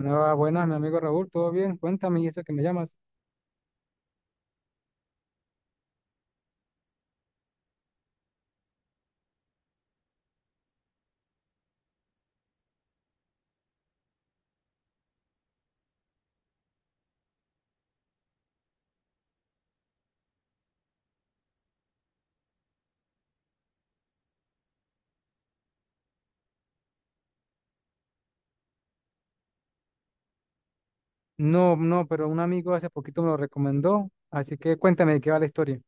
Ah, buenas, mi amigo Raúl, ¿todo bien? Cuéntame, ¿y eso que me llamas? No, no, pero un amigo hace poquito me lo recomendó, así que cuéntame de qué va la historia.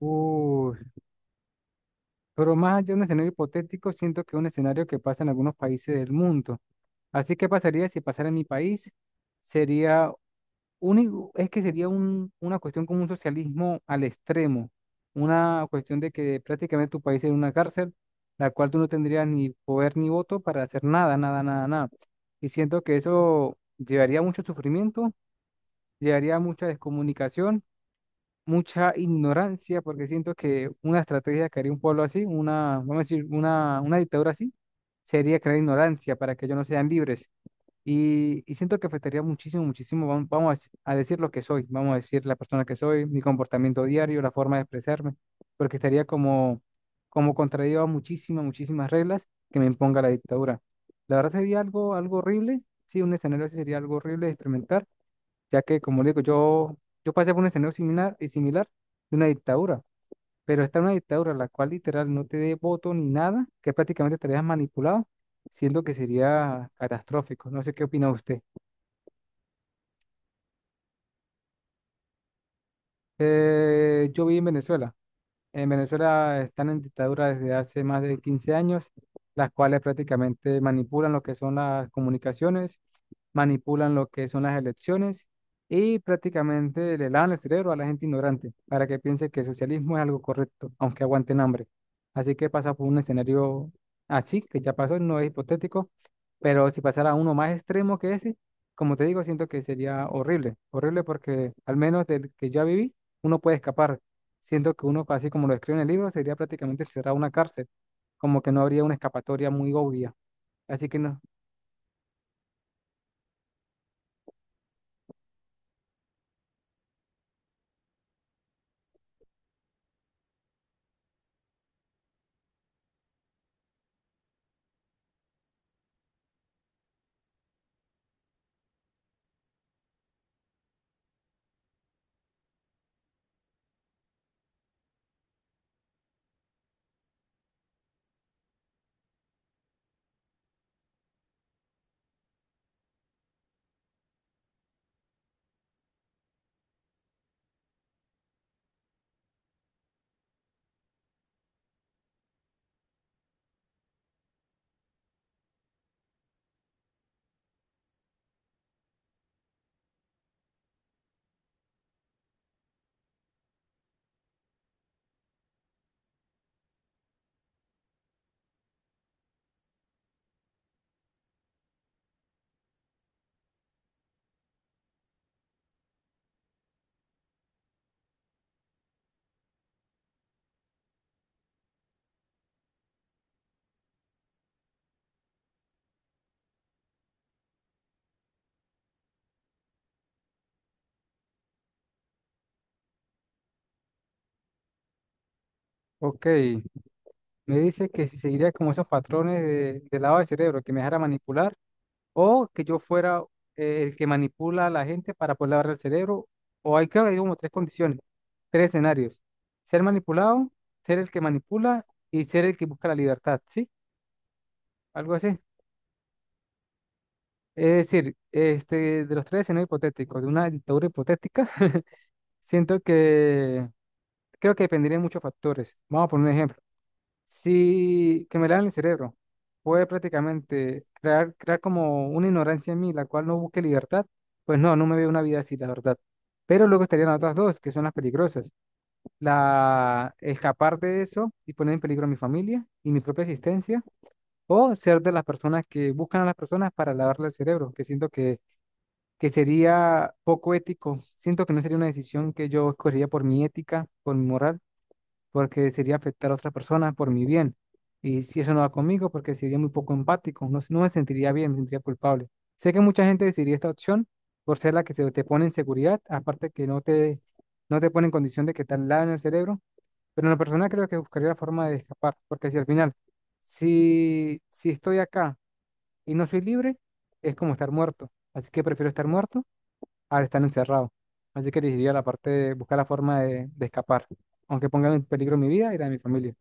Uy, pero más allá de un escenario hipotético, siento que es un escenario que pasa en algunos países del mundo. Así que pasaría si pasara en mi país, sería único es que sería una cuestión como un socialismo al extremo, una cuestión de que prácticamente tu país sería una cárcel, la cual tú no tendrías ni poder ni voto para hacer nada, nada, nada, nada. Y siento que eso llevaría a mucho sufrimiento, llevaría a mucha descomunicación, mucha ignorancia, porque siento que una estrategia que haría un pueblo así, una, vamos a decir, una dictadura así, sería crear ignorancia para que ellos no sean libres y siento que afectaría muchísimo, muchísimo, vamos, a decir lo que soy, vamos a decir la persona que soy, mi comportamiento diario, la forma de expresarme, porque estaría como, como contraído a muchísimas, muchísimas reglas que me imponga la dictadura. La verdad sería algo, algo horrible, sí, un escenario así sería algo horrible de experimentar, ya que, como le digo, yo pasé por un escenario similar y similar de una dictadura, pero está una dictadura la cual literal no te dé voto ni nada, que prácticamente estarías manipulado, siendo que sería catastrófico. No sé qué opina usted. Yo viví en Venezuela. En Venezuela están en dictadura desde hace más de 15 años, las cuales prácticamente manipulan lo que son las comunicaciones, manipulan lo que son las elecciones y prácticamente le lavan el cerebro a la gente ignorante para que piense que el socialismo es algo correcto, aunque aguanten hambre. Así que pasa por un escenario así, que ya pasó, no es hipotético, pero si pasara uno más extremo que ese, como te digo, siento que sería horrible, horrible porque al menos del que ya viví, uno puede escapar. Siento que uno, así como lo escribe en el libro, sería prácticamente encerrado en una cárcel, como que no habría una escapatoria muy obvia. Así que no. Ok, me dice que si seguiría como esos patrones de lavado de cerebro, que me dejara manipular, o que yo fuera el que manipula a la gente para poder lavar el cerebro, o hay creo que hay como tres condiciones, tres escenarios. Ser manipulado, ser el que manipula y ser el que busca la libertad, ¿sí? Algo así. Es decir, este, de los tres escenarios hipotéticos, de una dictadura hipotética. Siento que creo que dependería de muchos factores. Vamos a poner un ejemplo. Si que me lavan el cerebro, puede prácticamente crear, crear como una ignorancia en mí, la cual no busque libertad. Pues no, no me veo una vida así, la verdad. Pero luego estarían las otras dos, que son las peligrosas. La escapar de eso y poner en peligro a mi familia y mi propia existencia, o ser de las personas que buscan a las personas para lavarle el cerebro, que siento que sería poco ético. Siento que no sería una decisión que yo escogería por mi ética, por mi moral, porque sería afectar a otra persona por mi bien. Y si eso no va conmigo, porque sería muy poco empático, no, no me sentiría bien, me sentiría culpable. Sé que mucha gente decidiría esta opción por ser la que se te pone en seguridad, aparte que no te, no te pone en condición de que te en el cerebro, pero en la persona creo que buscaría la forma de escapar, porque si al final, si estoy acá y no soy libre, es como estar muerto, así que prefiero estar muerto al estar encerrado. Así que elegiría la parte de buscar la forma de escapar, aunque ponga en peligro mi vida y la de mi familia.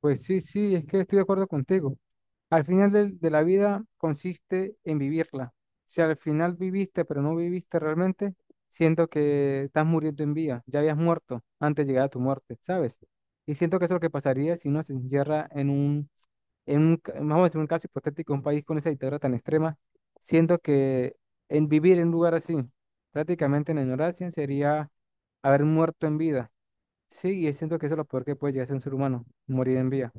Pues sí, sí, es que estoy de acuerdo contigo. Al final de la vida consiste en vivirla. Si al final viviste, pero no viviste realmente, siento que estás muriendo en vida, ya habías muerto antes de llegar a tu muerte, ¿sabes? Y siento que eso es lo que pasaría si uno se encierra en un, vamos a decir un caso hipotético, un país con esa dictadura tan extrema, siento que en vivir en un lugar así, prácticamente en la ignorancia, sería haber muerto en vida. Sí, y siento que eso es lo peor que puede llegar a ser un ser humano, morir en vida.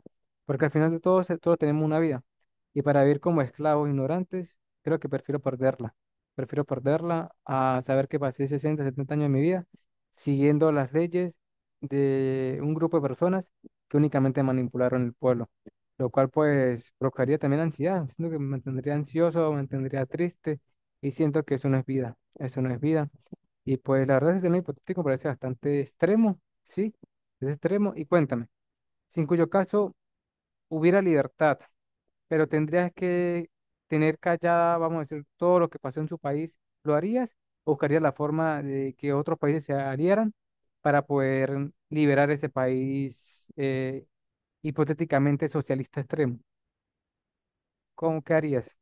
Porque al final de todo, todos tenemos una vida. Y para vivir como esclavos ignorantes, creo que prefiero perderla. Prefiero perderla a saber que pasé 60, 70 años de mi vida siguiendo las leyes de un grupo de personas que únicamente manipularon el pueblo. Lo cual pues provocaría también ansiedad. Siento que me mantendría ansioso, me mantendría triste y siento que eso no es vida. Eso no es vida. Y pues la verdad, ese escenario hipotético parece bastante extremo, ¿sí? Es extremo. Y cuéntame, si en cuyo caso hubiera libertad, pero tendrías que tener callada, vamos a decir, todo lo que pasó en su país, ¿lo harías? ¿O buscarías la forma de que otros países se aliaran para poder liberar ese país hipotéticamente socialista extremo? ¿Cómo que harías?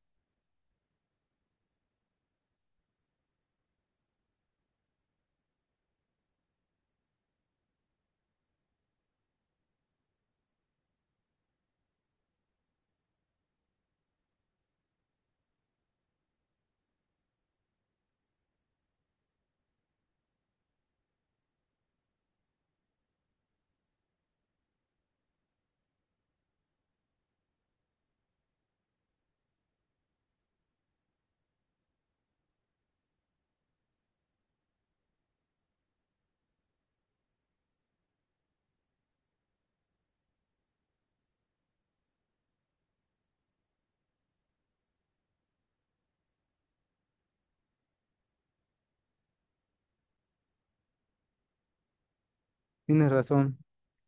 Tienes razón.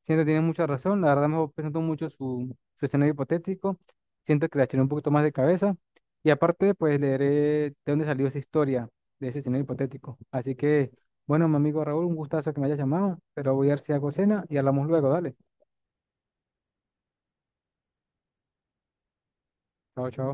Siento que tienes mucha razón. La verdad me voy mucho su, su escenario hipotético. Siento que le echaré un poquito más de cabeza. Y aparte, pues leeré de dónde salió esa historia de ese escenario hipotético. Así que, bueno, mi amigo Raúl, un gustazo que me hayas llamado. Pero voy a ver si hago cena y hablamos luego. Dale. Chao, chao.